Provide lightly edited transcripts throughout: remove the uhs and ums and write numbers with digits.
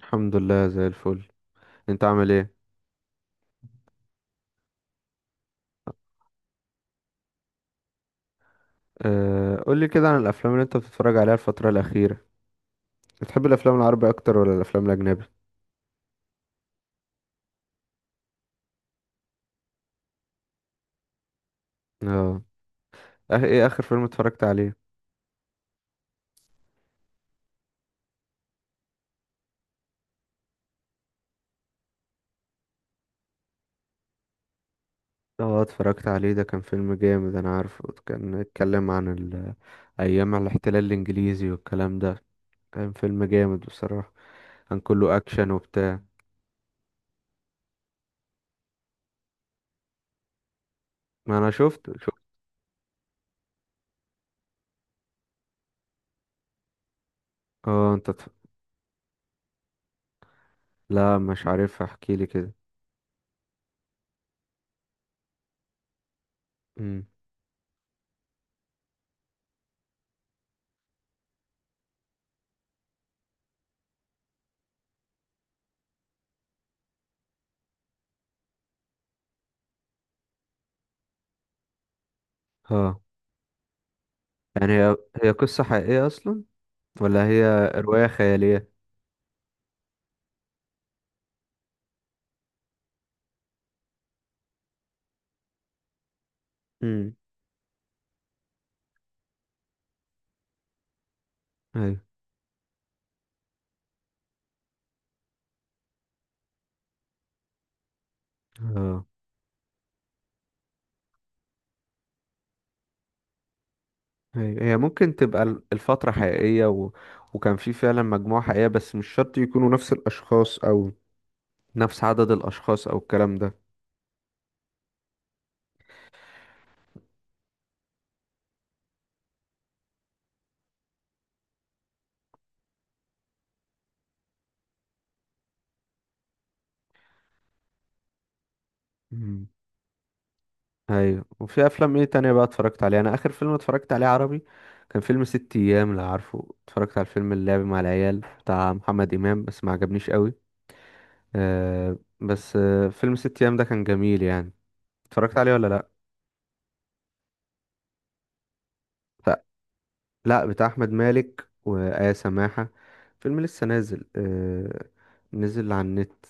الحمد لله زي الفل. انت عامل ايه؟ أه، قولي كده عن الافلام اللي انت بتتفرج عليها الفتره الاخيره. بتحب الافلام العربي اكتر ولا الافلام الاجنبي؟ اه. اه، ايه اخر فيلم اتفرجت عليه؟ اه، اتفرجت عليه، ده كان فيلم جامد، انا عارفه كان اتكلم عن ايام الاحتلال الانجليزي والكلام ده. كان فيلم جامد بصراحه. كان كله اكشن وبتاع. ما انا شفت. اه، انت لا، مش عارف، احكي لي كده. امم. اه، يعني هي قصه حقيقيه اصلا، ولا هي روايه خياليه؟ امم. ايوه. اه، ايوه، هي ممكن تبقى الفترة حقيقية وكان في فعلا مجموعة حقيقية، بس مش شرط يكونوا نفس الأشخاص أو نفس عدد الأشخاص أو الكلام ده. مم. ايوه. وفي أفلام ايه تانية بقى اتفرجت عليها؟ أنا آخر فيلم اتفرجت عليه عربي كان فيلم ست أيام. لو عارفه، اتفرجت على الفيلم اللعب مع العيال بتاع محمد إمام، بس ما عجبنيش قوي. آه، بس فيلم ست أيام ده كان جميل يعني. اتفرجت عليه ولا لأ؟ لا، بتاع احمد مالك وآية سماحة. فيلم لسه نازل. نزل على النت.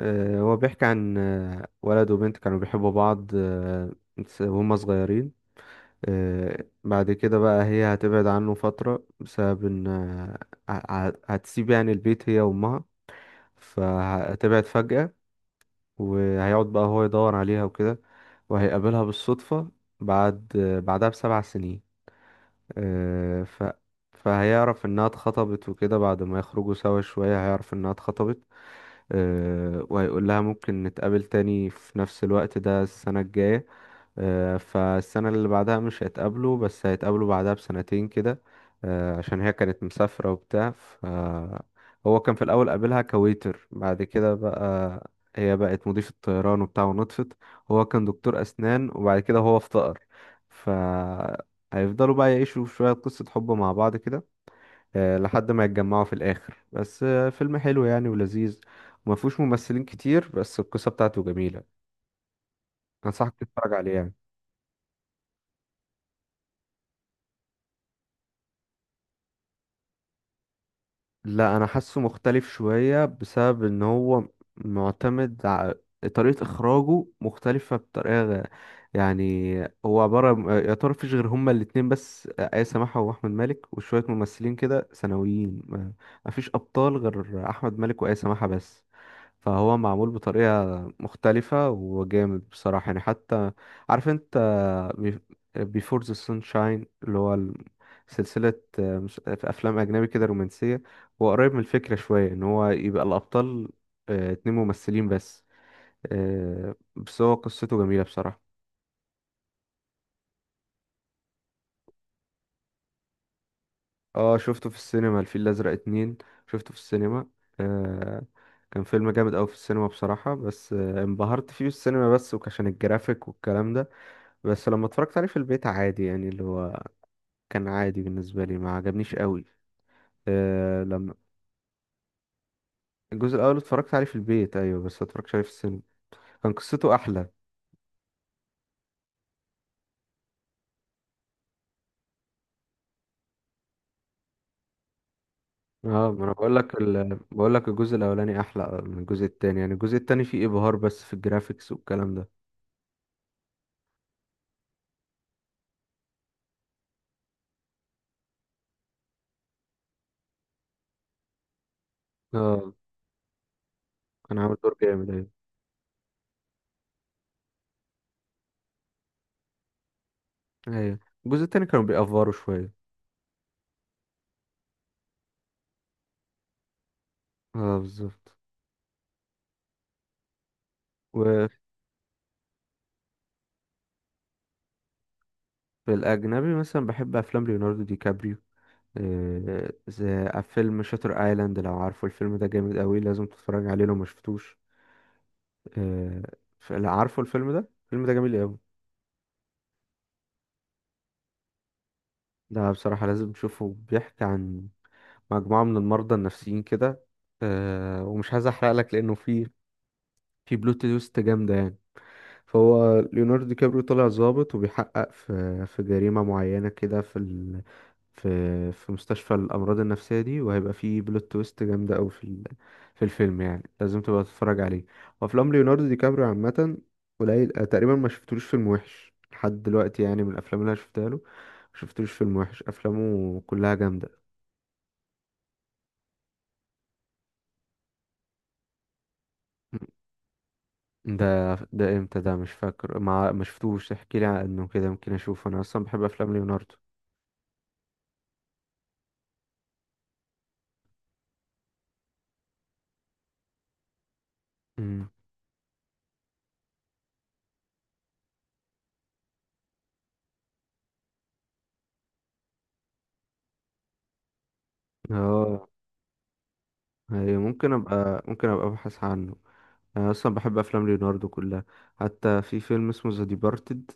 هو بيحكي عن ولد وبنت كانوا بيحبوا بعض. وهم صغيرين. بعد كده بقى هي هتبعد عنه فترة، بسبب ان هتسيب يعني البيت، هي وامها. فهتبعد فجأة. وهيقعد بقى هو يدور عليها وكده. وهيقابلها بالصدفة بعد، بعدها بسبع سنين. آه، ف فهيعرف انها اتخطبت وكده. بعد ما يخرجوا سوا شوية، هيعرف انها اتخطبت. وهيقول لها ممكن نتقابل تاني في نفس الوقت ده السنة الجاية. فالسنة اللي بعدها مش هيتقابلوا، بس هيتقابلوا بعدها بسنتين كده. عشان هي كانت مسافرة وبتاع. هو كان في الأول قابلها كويتر. بعد كده بقى هي بقت مضيفة طيران وبتاع ونطفت. هو كان دكتور أسنان وبعد كده هو افتقر. ف هيفضلوا بقى يعيشوا شوية قصة حب مع بعض كده، لحد ما يتجمعوا في الآخر. بس فيلم حلو يعني ولذيذ. وما فيهوش ممثلين كتير، بس القصة بتاعته جميلة، أنصحك تتفرج عليه يعني. لا، انا حاسه مختلف شوية بسبب ان هو معتمد طريقة اخراجه مختلفة بطريقة يعني، هو عبارة يا ترى مفيش غير هما الاتنين بس، آية سماحة واحمد مالك، وشوية ممثلين كده ثانويين مفيش ابطال غير احمد مالك وآية سماحة بس. فهو معمول بطريقة مختلفة وجامد بصراحة يعني. حتى، عارف انت بيفور ذا سانشاين، اللي هو سلسلة، في أفلام أجنبي كده رومانسية؟ هو قريب من الفكرة شوية، إن هو يبقى الأبطال اتنين ممثلين بس. بس هو قصته جميلة بصراحة. اه، شفته في السينما، الفيل الأزرق اتنين. شفته في السينما. آه، كان فيلم جامد أوي في السينما بصراحة، بس انبهرت فيه في السينما بس وعشان الجرافيك والكلام ده. بس لما اتفرجت عليه في البيت عادي، يعني اللي هو كان عادي بالنسبة لي، ما عجبنيش أوي. الجزء الاول اتفرجت عليه في البيت، ايوه، بس ما اتفرجتش عليه في السينما. كان قصته احلى. اه، ما انا بقول لك الجزء الاولاني احلى من الجزء التاني، يعني الجزء التاني فيه ابهار بس في الجرافيكس والكلام ده. اه، كان عامل دور جامد، ايوه. ايوه، الجزء التاني كانوا بيأفوروا شويه. اه، بالظبط. وفي الاجنبي مثلا بحب افلام ليوناردو دي كابريو. زي فيلم شاتر ايلاند. لو عارفه، الفيلم ده جامد قوي، لازم تتفرج عليه لو ما شفتوش. آه، لا، عارفه الفيلم ده جميل قوي. ده بصراحة لازم تشوفه. بيحكي عن مجموعة من المرضى النفسيين كده. ومش عايز احرق لك، لانه في بلوت تويست جامدة يعني. فهو ليوناردو دي كابريو طالع ضابط، وبيحقق في جريمة معينة كده في في مستشفى الأمراض النفسية دي. وهيبقى في بلوت تويست جامدة أوي في في الفيلم، يعني لازم تبقى تتفرج عليه. وأفلام ليوناردو دي كابريو عامة قليل تقريبا ما شفتلوش فيلم وحش لحد دلوقتي، يعني من الأفلام اللي أنا شفتها له. ما شفتلوش فيلم وحش، أفلامه كلها جامدة. ده امتى؟ ده مش فاكر، ما شفتوش، احكي لي عنه كده يمكن اشوفه. انا اصلا بحب افلام ليوناردو. امم. اه. أيوة، ممكن ابقى ابحث عنه. انا اصلا بحب افلام ليوناردو كلها. حتى في فيلم اسمه ذا ديبارتد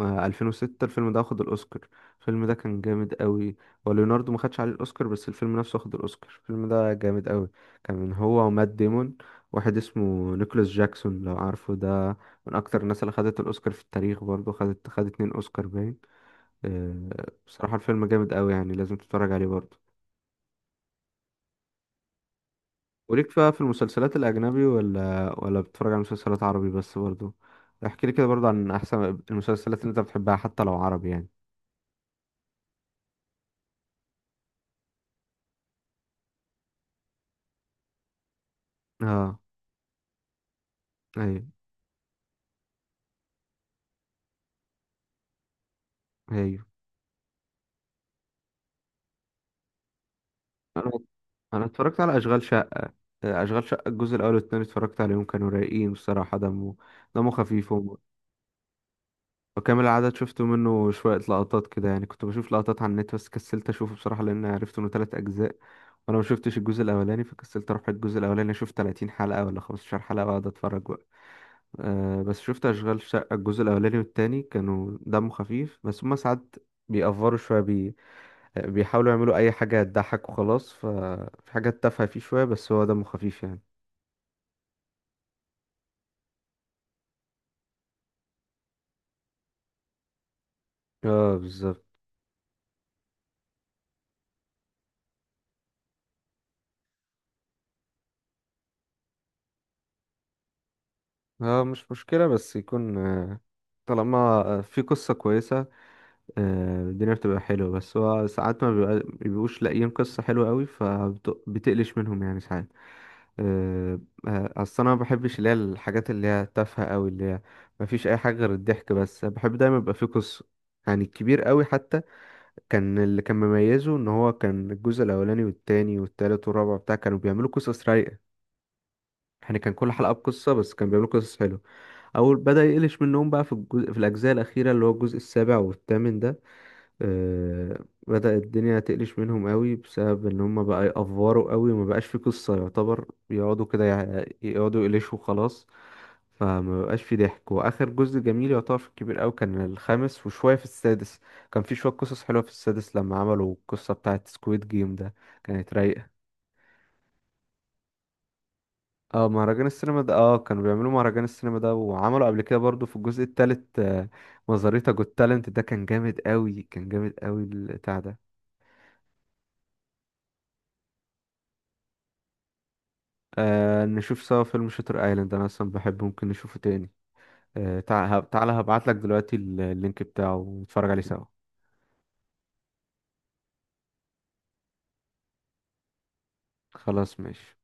2006، الفيلم ده واخد الاوسكار. الفيلم ده كان جامد قوي. هو ليوناردو ما خدش عليه الاوسكار، بس الفيلم نفسه واخد الاوسكار. الفيلم ده جامد قوي. كان هو ومات ديمون، واحد اسمه نيكولاس جاكسون لو عارفه ده، من اكتر الناس اللي خدت الاوسكار في التاريخ. برضه خد اتنين اوسكار باين. آه، بصراحة الفيلم جامد قوي يعني، لازم تتفرج عليه برضه. وليك بقى في المسلسلات الأجنبي، ولا بتتفرج على مسلسلات عربي بس برضو؟ احكي لي كده برضو عن أحسن المسلسلات اللي أنت بتحبها، حتى لو عربي يعني. اه. أيوه. أيوه، أنا أنا اتفرجت على أشغال شقة. أشغال شقة الجزء الأول والتاني اتفرجت عليهم، كانوا رايقين بصراحة، دمه خفيف وم- وكامل العدد شفت منه شوية لقطات كده، يعني كنت بشوف لقطات على النت، بس كسلت أشوفه بصراحة لأن عرفت إنه تلات أجزاء. وأنا ما شفتش الجزء الأولاني، فكسلت أروح الجزء الأولاني أشوف 30 حلقة ولا 15 حلقة وأقعد أتفرج. بس شفت أشغال شقة الجزء الأولاني والتاني، كانوا دمه خفيف، بس هما ساعات بيأفروا شوية بيحاولوا يعملوا أي حاجة تضحك وخلاص. ففي حاجات تافهة فيه شوية، بس هو دمه خفيف يعني. اه، بالظبط. اه، مش مشكلة بس يكون طالما في قصة كويسة. الدنيا بتبقى حلوة، بس هو ساعات ما بيبقوش لاقيين قصة حلوة قوي، فبتقلش منهم يعني ساعات. آه، اصل انا ما بحبش اللي هي الحاجات اللي هي تافهه قوي، اللي هي ما فيش اي حاجه غير الضحك بس. بحب دايما يبقى فيه قصه، يعني الكبير قوي حتى، كان اللي كان مميزه ان هو كان الجزء الاولاني والتاني والتالت والرابع بتاع كانوا بيعملوا قصص رايقه. يعني كان كل حلقه بقصه، بس كانوا بيعملوا قصص حلوه. اول بدأ يقلش منهم بقى في الاجزاء الاخيره، اللي هو الجزء السابع والثامن ده. بدأ الدنيا تقلش منهم قوي، بسبب ان هم بقى يأفوروا قوي وما بقاش في قصة، يعتبر يقعدوا كده يقعدوا يقلشوا خلاص. فما بقاش في ضحك. واخر جزء جميل يعتبر في الكبير قوي كان الخامس، وشوية في السادس. كان في شوية قصص حلوة في السادس لما عملوا القصة بتاعة سكويد جيم ده. كانت رايقة. اه، مهرجان السينما ده. اه، كانوا بيعملوا مهرجان السينما ده، وعملوا قبل كده برضو في الجزء التالت مزاريتا جوت تالنت ده كان جامد قوي، كان جامد قوي البتاع ده. نشوف سوا فيلم شاتر ايلاند. انا اصلا بحبه، ممكن نشوفه تاني. تعالى، هبعت لك دلوقتي اللينك بتاعه ونتفرج عليه سوا. خلاص، ماشي.